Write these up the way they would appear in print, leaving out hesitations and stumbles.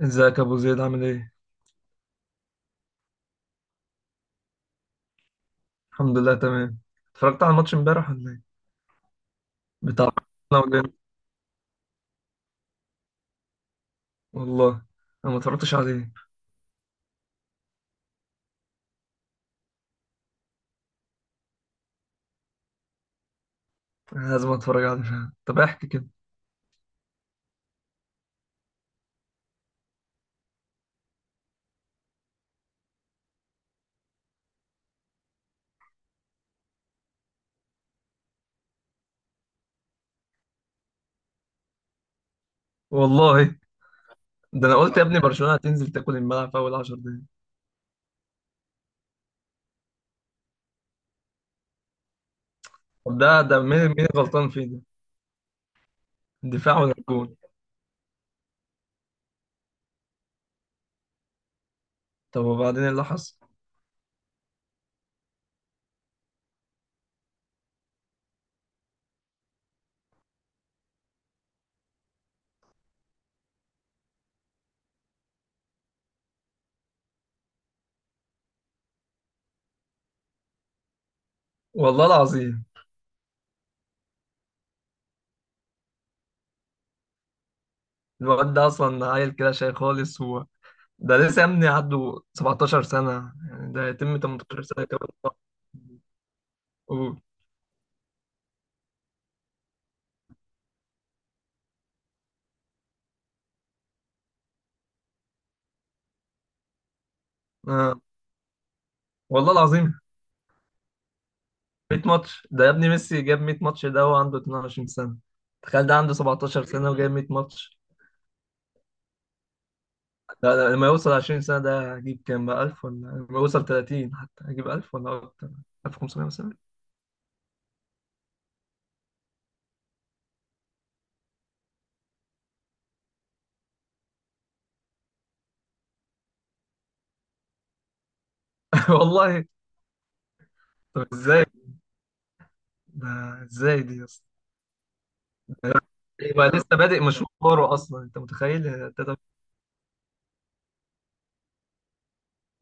ازيك يا ابو زيد عامل ايه؟ الحمد لله تمام. اتفرجت على الماتش امبارح ولا ايه؟ بتاع أنا والهند. والله، انا ما اتفرجتش عليه. أنا لازم اتفرج عليه فعلا. طب احكي كده. والله، ده انا قلت يا ابني برشلونة هتنزل تاكل الملعب في اول 10 دقايق. طب ده مين غلطان فيه ده؟ الدفاع ولا الجون؟ طب وبعدين ايه اللي حصل؟ والله العظيم. الواد ده اصلا عيل كده شاي خالص هو، ده لسه يا ابني عنده 17 سنة، يعني ده هيتم 18 سنة كمان. أوه. آه. والله العظيم. 100 ماتش ده يا ابني، ميسي جاب 100 ماتش ده وهو عنده 22 سنة. تخيل ده عنده 17 سنة وجايب 100 ماتش. لا لا، لما يوصل 20 سنة ده هجيب كام بقى، 1000 ولا؟ لما يوصل 30 حتى هجيب 1000 ولا أكتر، 1500 مثلا. والله. طب ازاي ده، ازاي دي يا اسطى؟ يبقى لسه بادئ مشواره أصلا، أنت متخيل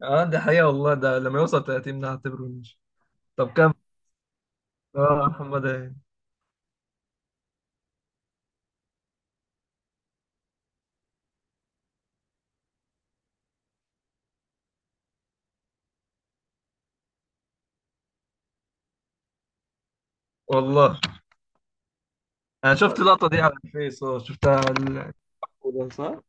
اه، دي حقيقة والله. ده لما يوصل 30 ده هعتبره نيش. طب كم، اه، محمد إيه؟ والله. أنا شفت اللقطة دي على الفيس، اه، شفتها على صح؟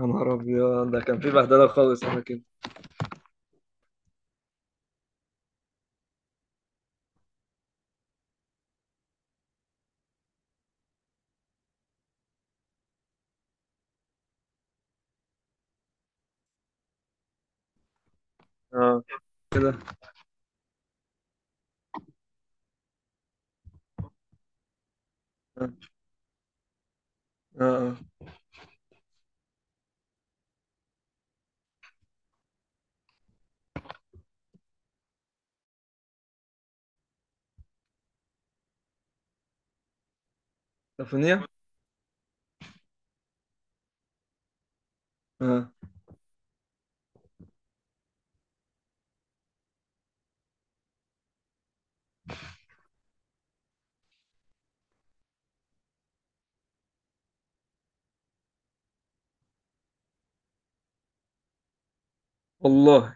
يا نهار أبيض، ده كان في بهدلة خالص على كده. اه، كده. اه اه، سافونية. اه والله.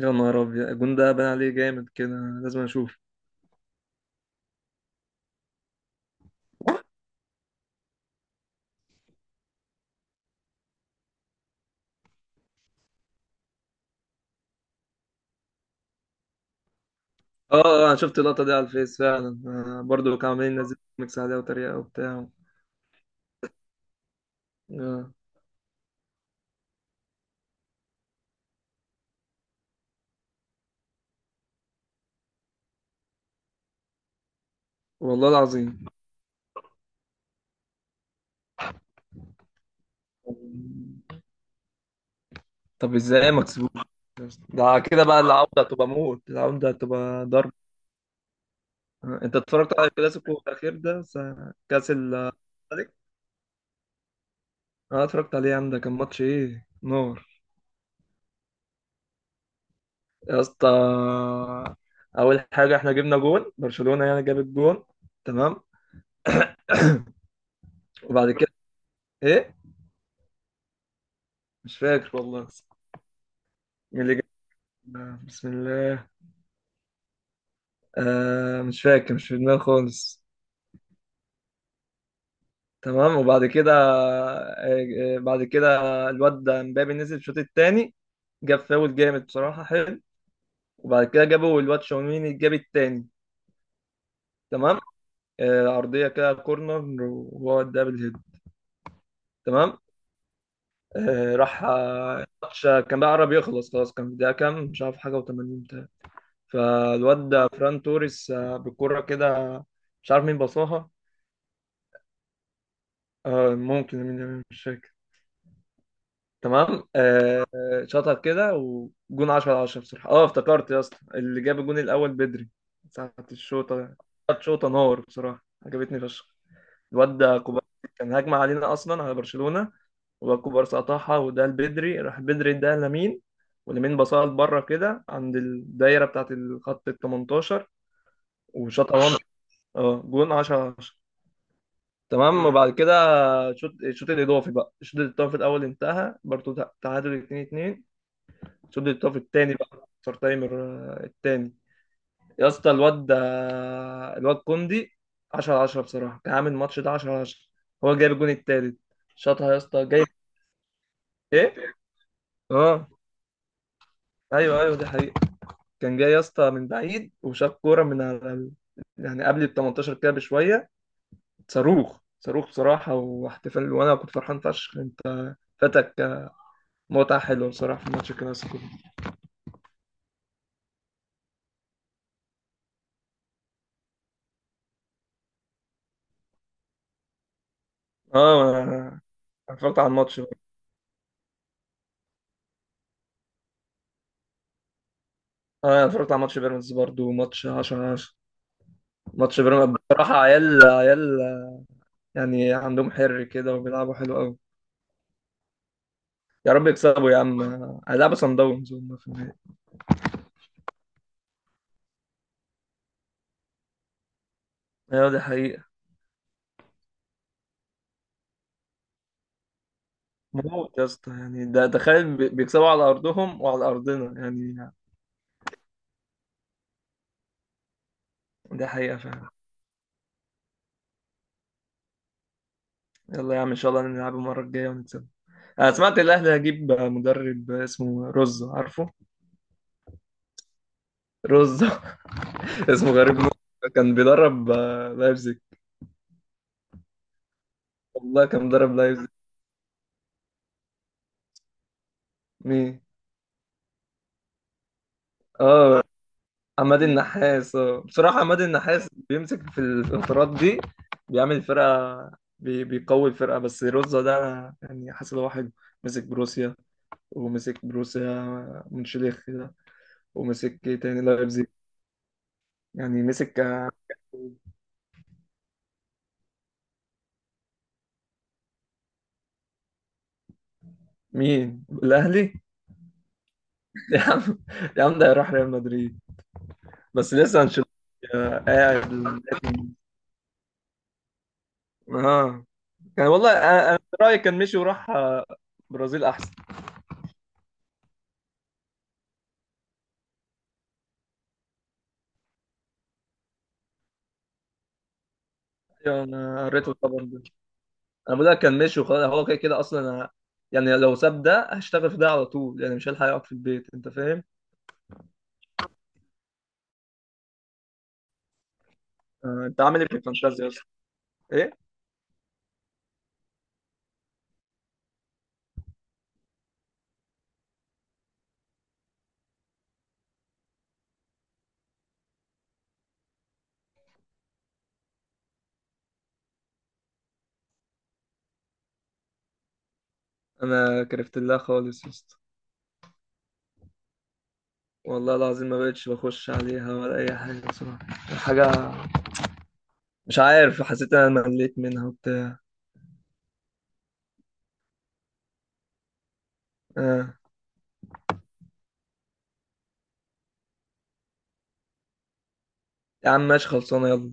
يا نهار أبيض، الجون ده بان عليه جامد كده، لازم أشوف. اه. اه، أنا شفت اللقطة دي على الفيس فعلا. آه، برضه كانوا عاملين ينزلوا ميكس عليها وتريقة وبتاع. آه. والله العظيم. طب ازاي ما كسبوش؟ ده كده بقى، العودة هتبقى موت، العودة هتبقى ضرب. آه. انت اتفرجت على الكلاسيكو الأخير كأس الملك؟ اه، اتفرجت عليه يا عم، ده كان ماتش ايه نار يا اسطى. اول حاجه، احنا جبنا جون برشلونه، يعني جاب الجون. تمام. وبعد كده، ايه، مش فاكر والله. مين اللي جاب؟ بسم الله. آه، مش فاكر، مش في دماغي خالص. تمام. وبعد كده بعد كده الواد ده مبابي نزل الشوط التاني، جاب فاول جامد بصراحه حلو. وبعد كده جابوا الواد شاوميني، جاب التاني. تمام. آه، عرضيه كده كورنر وهو ده بالهيد. تمام. آه، راح آه، الماتش كان بقى قرب يخلص خلاص، كان في دقيقة كام مش عارف، حاجة و80. بتاع فالواد ده فران توريس بالكرة كده. مش عارف مين باصاها. ممكن مين، مش فاكر. تمام. شاطها كده وجون 10 على 10 بصراحة. اه افتكرت يا اسطى، اللي جاب الجون الأول بدري ساعة الشوطة، كانت شوطة نار بصراحة، عجبتني فشخ. الواد ده كوبارسي، كان هجمة علينا أصلا على برشلونة، وباكو بارسا قطعها وده لبدري، راح بدري ده لمين، ولمين باصها لبره كده عند الدايره بتاعه الخط ال 18، وشاطها وان، اه، جون 10 10. تمام. وبعد كده شوط الشوط الاضافي بقى، الشوط الاضافي الاول انتهى برضه تعادل 2 2. الشوط الاضافي الثاني بقى اكسترا تايمر الثاني. يا اسطى، الواد ده، الواد كوندي، 10 10 بصراحه، كان عامل الماتش ده 10 10، هو جايب الجون الثالث، شاطها يا اسطى جاي. ايه. اه، ايوه ايوه، دي حقيقة. كان جاي يا اسطى من بعيد، وشاف كوره من على يعني قبل ال 18 كده بشويه، صاروخ صاروخ بصراحه، واحتفال، وانا كنت فرحان فشخ. انت فاتك متعه حلوه بصراحه في ماتش الكلاسيكو. اه أنا، اتفرجت على الماتش اه. أنا اتفرجت على ماتش بيراميدز برضو، ماتش 10 10. ماتش بيراميدز بصراحه، عيال عيال، يعني عندهم حر كده، وبيلعبوا حلو قوي. يا رب يكسبوا يا عم، هيلعبوا صن داونز هم في النهائي. ايوه، دي حقيقة. موت يا اسطى، يعني ده تخيل بيكسبوا على ارضهم وعلى ارضنا يعني. ده حقيقة فعلا. يلا يا عم، إن شاء الله نلعب المرة الجاية ونكسب. أنا سمعت الأهلي هيجيب مدرب اسمه روزو، عارفه؟ روزو. اسمه غريب موت، كان بيدرب لايبزيج. والله كان بيدرب لايبزيج. مين؟ آه. عماد النحاس. آه، بصراحة عماد النحاس بيمسك في الفترات دي، بيعمل فرقة، بيقوي الفرقة. بس روزو ده أنا يعني حاسس إن هو حلو، مسك بروسيا، ومسك بروسيا منشليخ ده، ومسك إيه تاني، لايبزيج. يعني مسك مين؟ الأهلي؟ يا عم، يا عم ده هيروح ريال مدريد، بس لسه انشيلوتي قاعد. اه. كان والله انا في رايي، كان مشي وراح برازيل احسن. ايوه، انا قريته الخبر ده. انا بقول لك كان مشي وخلاص، هو كده كده اصلا. أنا يعني لو ساب ده هشتغل في ده على طول، يعني مش هلحق اقعد في البيت، انت فاهم. انت عامل ايه في الفانتازيا اصلا؟ ايه. انا كرفت الله خالص يا اسطى، والله العظيم ما بقتش بخش عليها ولا اي حاجه بصراحه. حاجه، مش عارف، حسيت إن انا مليت منها وبتاع. آه. يا عم ماشي خلصانه، يلا.